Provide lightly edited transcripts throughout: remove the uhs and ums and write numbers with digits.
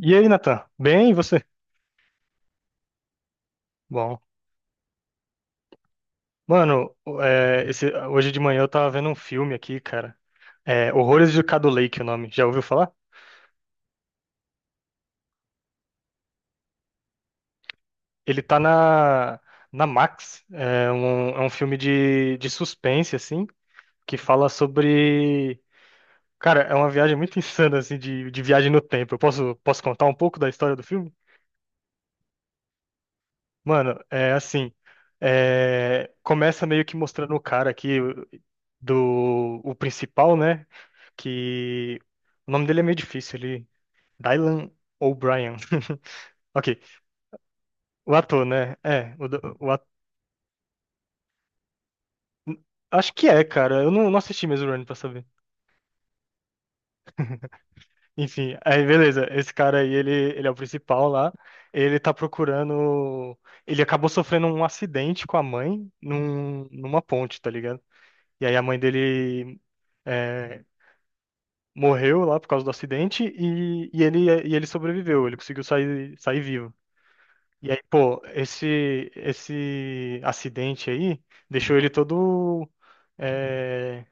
E aí, Nathan? Bem, e você? Bom, mano, esse- hoje de manhã eu tava vendo um filme aqui, cara. É, Horrores de Cado Lake, o nome. Já ouviu falar? Ele tá na Max. É um filme de suspense, assim, que fala sobre. Cara, é uma viagem muito insana, assim, de viagem no tempo. Eu posso contar um pouco da história do filme? Mano, é assim. Começa meio que mostrando o cara aqui do o principal, né? Que o nome dele é meio difícil, ele Dylan O'Brien. Ok, o ator, né? É, o, do- o ator. Acho que é, cara. Eu não assisti mesmo Run pra saber. Enfim, aí beleza. Esse cara aí, ele é o principal lá. Ele tá procurando. Ele acabou sofrendo um acidente com a mãe numa ponte, tá ligado? E aí a mãe dele é, morreu lá por causa do acidente e e ele sobreviveu. Ele conseguiu sair vivo. E aí, pô, esse acidente aí deixou ele todo eh,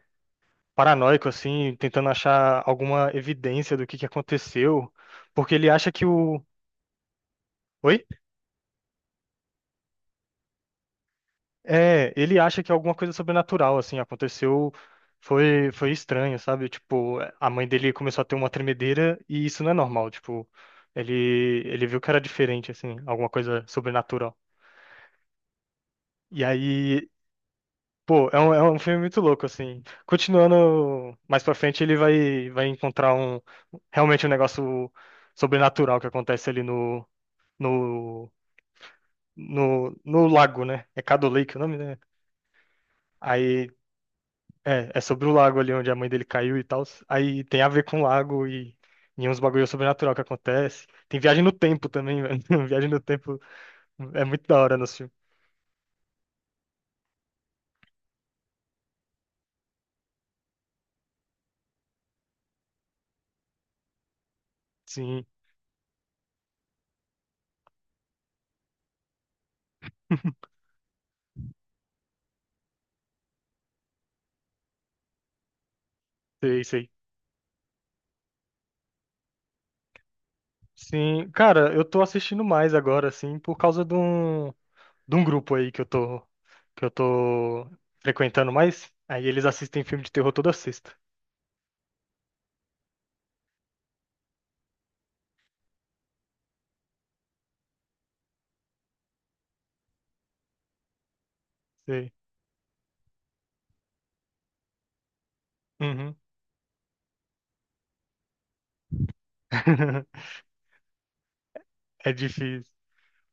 paranoico, assim, tentando achar alguma evidência do que aconteceu, porque ele acha que o... Oi? É, ele acha que alguma coisa sobrenatural, assim, aconteceu, foi estranho, sabe? Tipo, a mãe dele começou a ter uma tremedeira e isso não é normal, tipo, ele viu que era diferente, assim, alguma coisa sobrenatural. E aí pô, é um filme muito louco, assim. Continuando mais pra frente, ele vai encontrar um realmente um negócio sobrenatural que acontece ali no, no lago, né? É Caddo Lake o nome, né? Aí é, é sobre o lago ali onde a mãe dele caiu e tal. Aí tem a ver com o lago e uns bagulho sobrenatural que acontece. Tem viagem no tempo também, velho. Viagem no tempo é muito da hora no filme. Sim, sei. Sim, cara, eu tô assistindo mais agora, assim, por causa de um. De um grupo aí que eu tô frequentando mais. Aí eles assistem filme de terror toda sexta. Sei. Uhum. É difícil.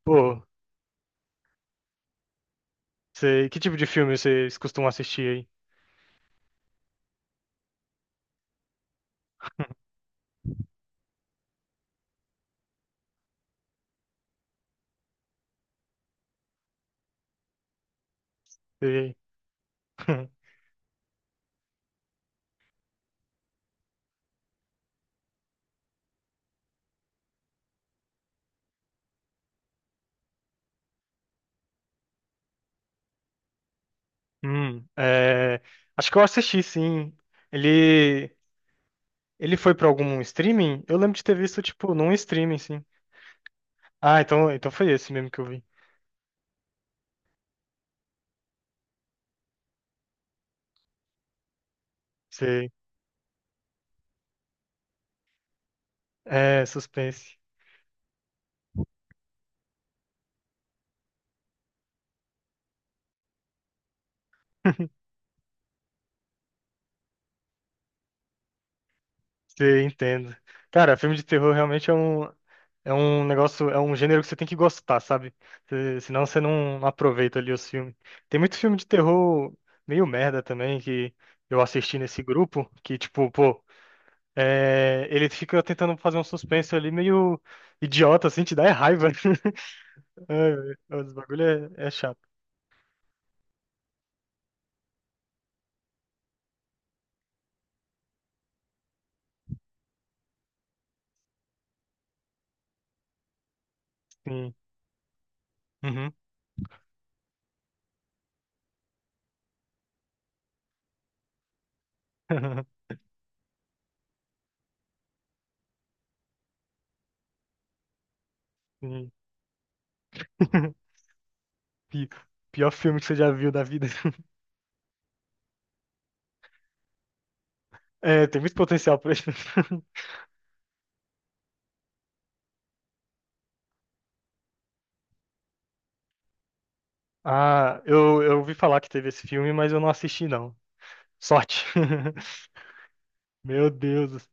Pô, sei. Que tipo de filme vocês costumam assistir aí? Sei. É, acho que eu assisti, sim. Ele, Ele foi pra algum streaming? Eu lembro de ter visto, tipo, num streaming, sim. Ah, então, então foi esse mesmo que eu vi. Sei. É, suspense. Sim, entendo. Cara, filme de terror realmente é um negócio, é um gênero que você tem que gostar, sabe? Você- senão você não aproveita ali os filmes. Tem muito filme de terror meio merda também que eu assisti nesse grupo, que tipo, pô, é, ele fica tentando fazer um suspense ali meio idiota, assim, te dá é raiva. Ai, velho, os bagulho é, é chato. Sim. Uhum. Sim. Pi- Pior filme que você já viu da vida. É, tem muito potencial pra isso. Ah, eu ouvi falar que teve esse filme, mas eu não assisti, não. Sorte. Meu Deus.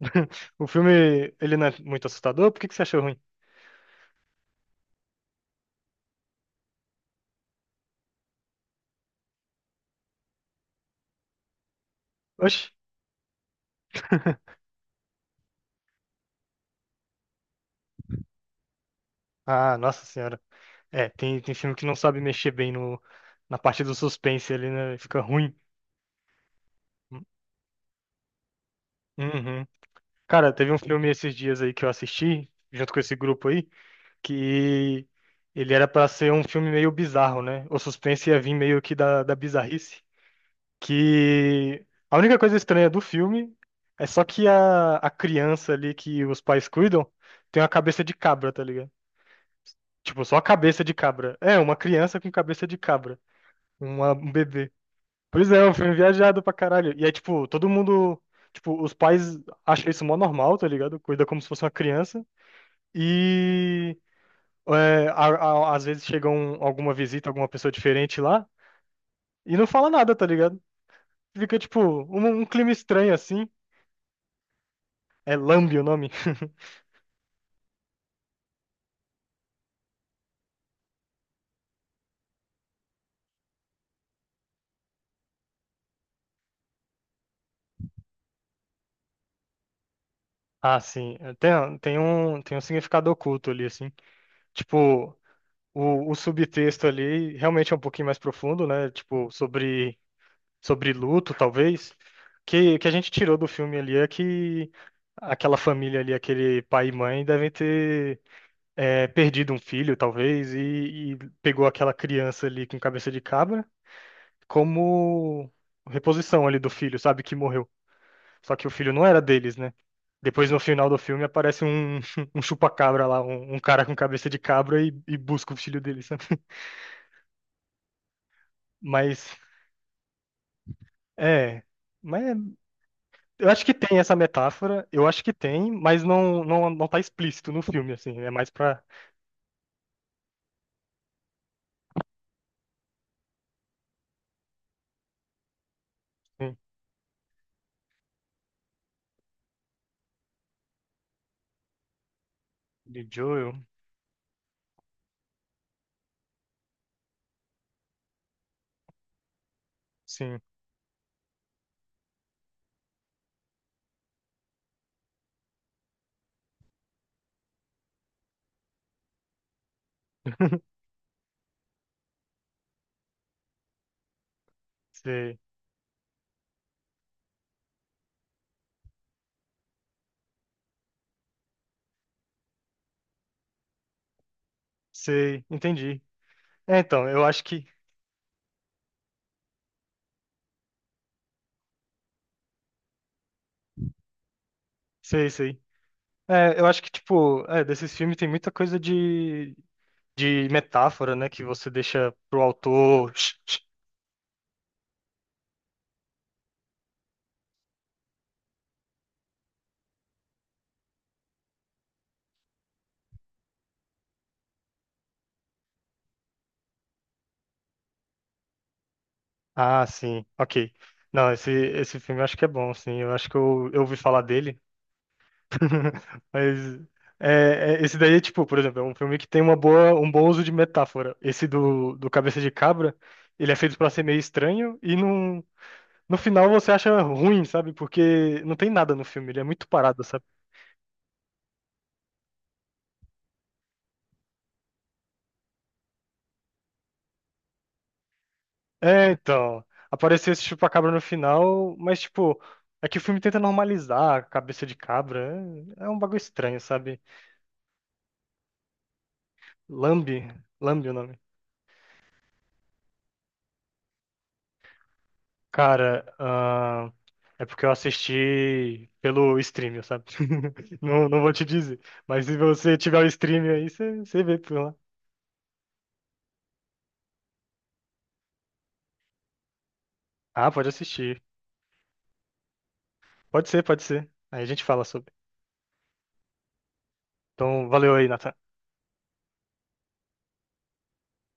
O filme, ele não é muito assustador? Por que que você achou ruim? Oxi. Ah, nossa senhora. É, tem filme que não sabe mexer bem no, na parte do suspense ali, né? Fica ruim. Uhum. Cara, teve um filme esses dias aí que eu assisti, junto com esse grupo aí, que ele era pra ser um filme meio bizarro, né? O suspense ia vir meio que da bizarrice. Que a única coisa estranha do filme é só que a criança ali que os pais cuidam tem uma cabeça de cabra, tá ligado? Tipo, só a cabeça de cabra. É, uma criança com cabeça de cabra. Uma- um bebê. Pois é, é um filme viajado pra caralho. E aí, tipo, todo mundo. Tipo, os pais acham isso mó normal, tá ligado? Cuida como se fosse uma criança. E. é, a- às vezes chega um- alguma visita, alguma pessoa diferente lá. E não fala nada, tá ligado? Fica, tipo, um um clima estranho assim. É Lambe o nome? Ah, sim. É, tem, tem um significado oculto ali, assim. Tipo, o subtexto ali realmente é um pouquinho mais profundo, né? Tipo, sobre, sobre luto, talvez. Que a gente tirou do filme ali é que aquela família ali, aquele pai e mãe, devem ter é, perdido um filho, talvez, e pegou aquela criança ali com cabeça de cabra como reposição ali do filho, sabe? Que morreu. Só que o filho não era deles, né? Depois, no final do filme, aparece um, um chupa-cabra lá, um cara com cabeça de cabra e busca o filho dele, sabe? Mas, é. Mas eu acho que tem essa metáfora, eu acho que tem, mas não tá explícito no filme, assim. É mais pra. Sim, de Joel, sim. Sei, sei, entendi. É, então, eu acho que. Sei, sei. É, eu acho que, tipo, é, desses filmes tem muita coisa de metáfora, né? Que você deixa pro autor ah, sim, ok. Não, esse filme eu acho que é bom, sim. Eu acho que eu ouvi falar dele. Mas é, é- esse daí, é tipo, por exemplo, é um filme que tem uma boa, um bom uso de metáfora. Esse do Cabeça de Cabra, ele é feito pra ser meio estranho e não, no final você acha ruim, sabe? Porque não tem nada no filme, ele é muito parado, sabe? É, então. Apareceu esse chupacabra no final, mas, tipo, é que o filme tenta normalizar a cabeça de cabra. É, é um bagulho estranho, sabe? Lambe. Lambe o nome. Cara, é porque eu assisti pelo stream, sabe? Não, não vou te dizer. Mas se você tiver o stream aí, você vê por lá. Ah, pode assistir. Pode ser, pode ser. Aí a gente fala sobre. Então, valeu aí, Nathan.